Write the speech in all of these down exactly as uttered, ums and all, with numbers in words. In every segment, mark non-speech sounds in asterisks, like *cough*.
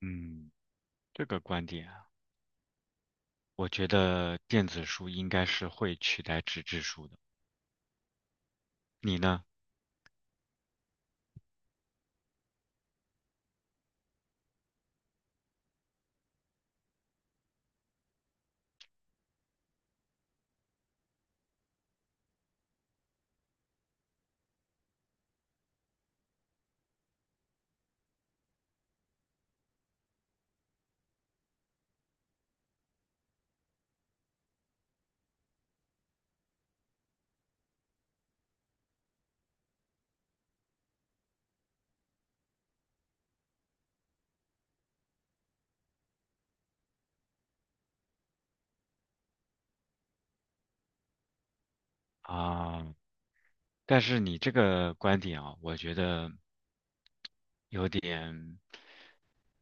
嗯，这个观点啊，我觉得电子书应该是会取代纸质书的。你呢？啊，但是你这个观点啊，我觉得有点。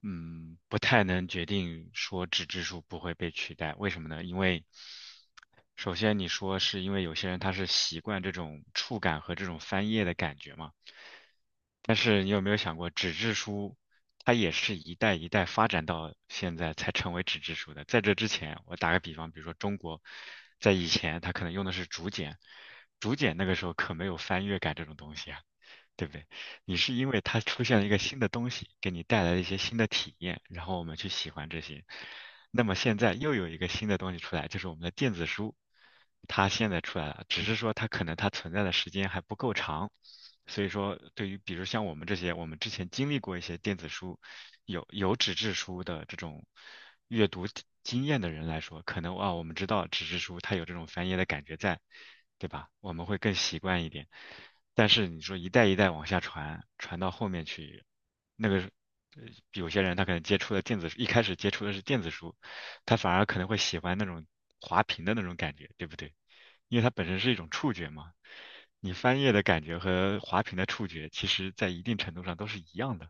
嗯，不太能决定说纸质书不会被取代，为什么呢？因为首先你说是因为有些人他是习惯这种触感和这种翻页的感觉嘛，但是你有没有想过，纸质书它也是一代一代发展到现在才成为纸质书的。在这之前，我打个比方，比如说中国在以前它可能用的是竹简，竹简那个时候可没有翻页感这种东西啊，对不对？你是因为它出现了一个新的东西，给你带来了一些新的体验，然后我们去喜欢这些。那么现在又有一个新的东西出来，就是我们的电子书，它现在出来了，只是说它可能它存在的时间还不够长，所以说对于比如像我们这些，我们之前经历过一些电子书，有有纸质书的这种阅读体经验的人来说，可能啊我们知道纸质书它有这种翻页的感觉在，对吧？我们会更习惯一点。但是你说一代一代往下传，传到后面去，那个呃有些人他可能接触的电子，一开始接触的是电子书，他反而可能会喜欢那种滑屏的那种感觉，对不对？因为它本身是一种触觉嘛，你翻页的感觉和滑屏的触觉，其实在一定程度上都是一样的。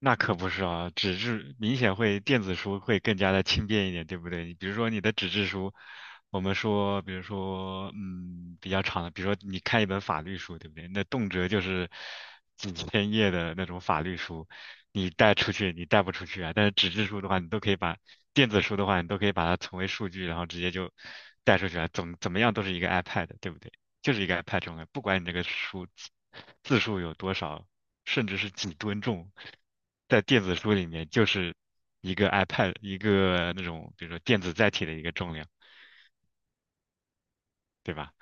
那可不是啊，纸质明显会电子书会更加的轻便一点，对不对？你比如说你的纸质书，我们说，比如说，嗯，比较长的，比如说你看一本法律书，对不对？那动辄就是 *laughs* 几千页的那种法律书，你带出去你带不出去啊。但是纸质书的话，你都可以把电子书的话，你都可以把它存为数据，然后直接就带出去啊，怎么怎么样都是一个 iPad，对不对？就是一个 iPad 重要，不管你这个书字字数有多少，甚至是几吨重，在电子书里面就是一个 iPad 一个那种比如说电子载体的一个重量，对吧？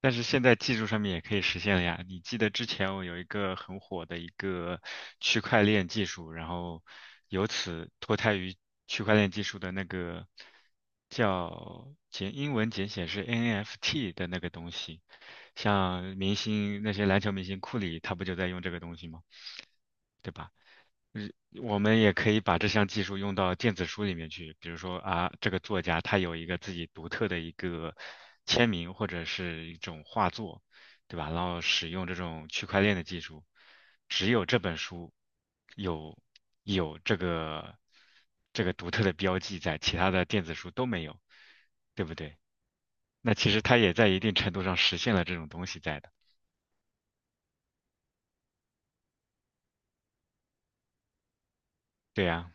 但是现在技术上面也可以实现了呀。你记得之前我有一个很火的一个区块链技术，然后由此脱胎于区块链技术的那个叫简英文简写是 N F T 的那个东西，像明星那些篮球明星库里，他不就在用这个东西吗？对吧？我们也可以把这项技术用到电子书里面去，比如说啊，这个作家他有一个自己独特的一个签名或者是一种画作，对吧？然后使用这种区块链的技术，只有这本书有有这个这个独特的标记在，其他的电子书都没有，对不对？那其实它也在一定程度上实现了这种东西在的，对呀。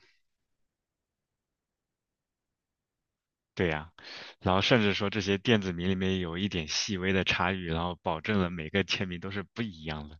对呀，然后甚至说这些电子名里面有一点细微的差异，然后保证了每个签名都是不一样的。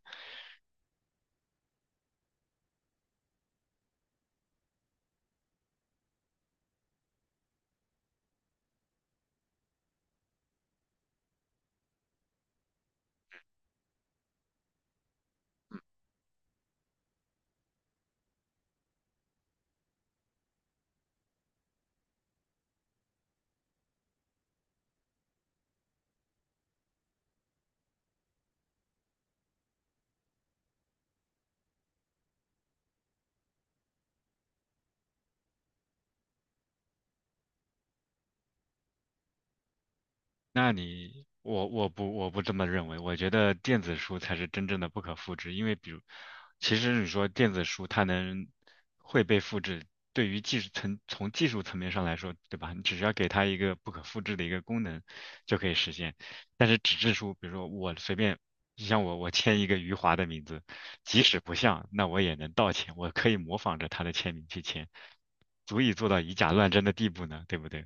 那你，我我不我不这么认为，我觉得电子书才是真正的不可复制，因为比如，其实你说电子书它能会被复制，对于技术层从技术层面上来说，对吧？你只需要给它一个不可复制的一个功能就可以实现。但是纸质书，比如说我随便，你像我我签一个余华的名字，即使不像，那我也能盗签，我可以模仿着他的签名去签，足以做到以假乱真的地步呢，对不对？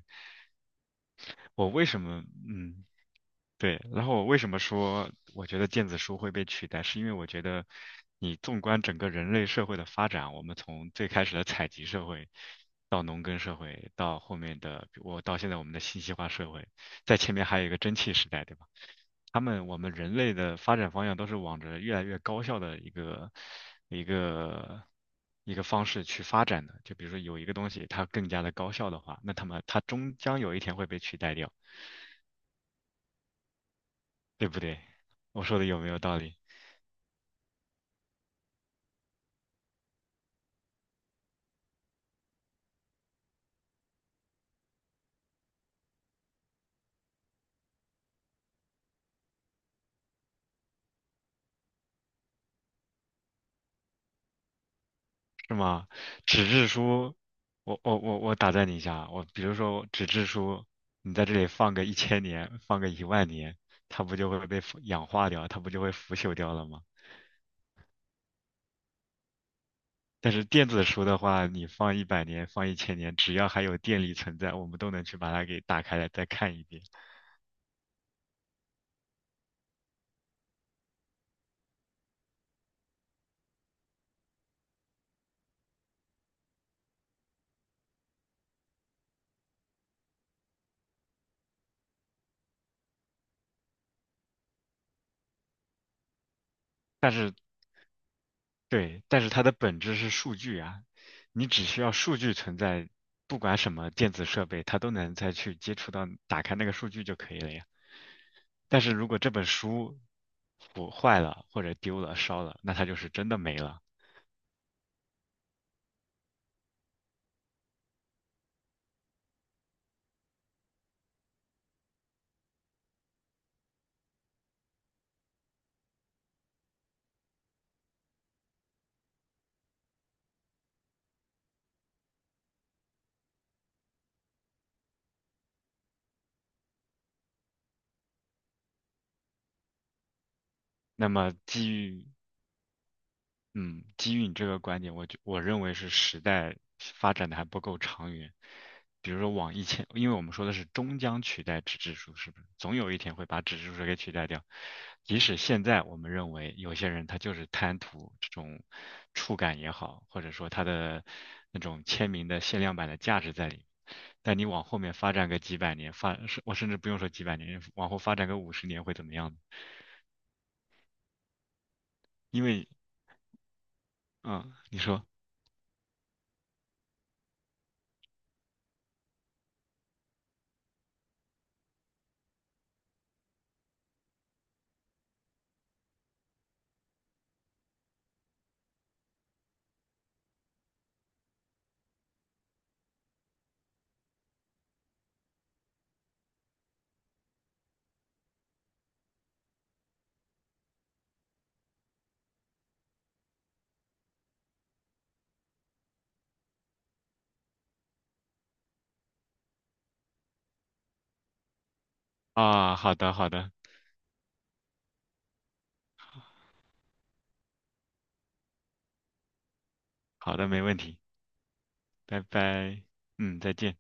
我为什么嗯对，然后我为什么说我觉得电子书会被取代，是因为我觉得你纵观整个人类社会的发展，我们从最开始的采集社会，到农耕社会，到后面的我到现在我们的信息化社会，在前面还有一个蒸汽时代，对吧？他们我们人类的发展方向都是往着越来越高效的一个一个一个方式去发展的。就比如说有一个东西它更加的高效的话，那他们它终将有一天会被取代掉，对不对？我说的有没有道理？是吗？纸质书，我我我我打断你一下啊，我比如说纸质书，你在这里放个一千年，放个一万年，它不就会被腐氧化掉，它不就会腐朽掉了吗？但是电子书的话，你放一百年，放一千年，只要还有电力存在，我们都能去把它给打开来再看一遍。但是对，但是它的本质是数据啊，你只需要数据存在，不管什么电子设备，它都能再去接触到打开那个数据就可以了呀。但是如果这本书腐坏了或者丢了、烧了，那它就是真的没了。那么基于嗯，基于你这个观点，我觉我认为是时代发展的还不够长远。比如说往一千，因为我们说的是终将取代纸质书，是不是？总有一天会把纸质书给取代掉。即使现在我们认为有些人他就是贪图这种触感也好，或者说他的那种签名的限量版的价值在里面。但你往后面发展个几百年，发，是我甚至不用说几百年，往后发展个五十年会怎么样呢因为，嗯，你说啊，好的，好的。好的，没问题，拜拜，嗯，再见。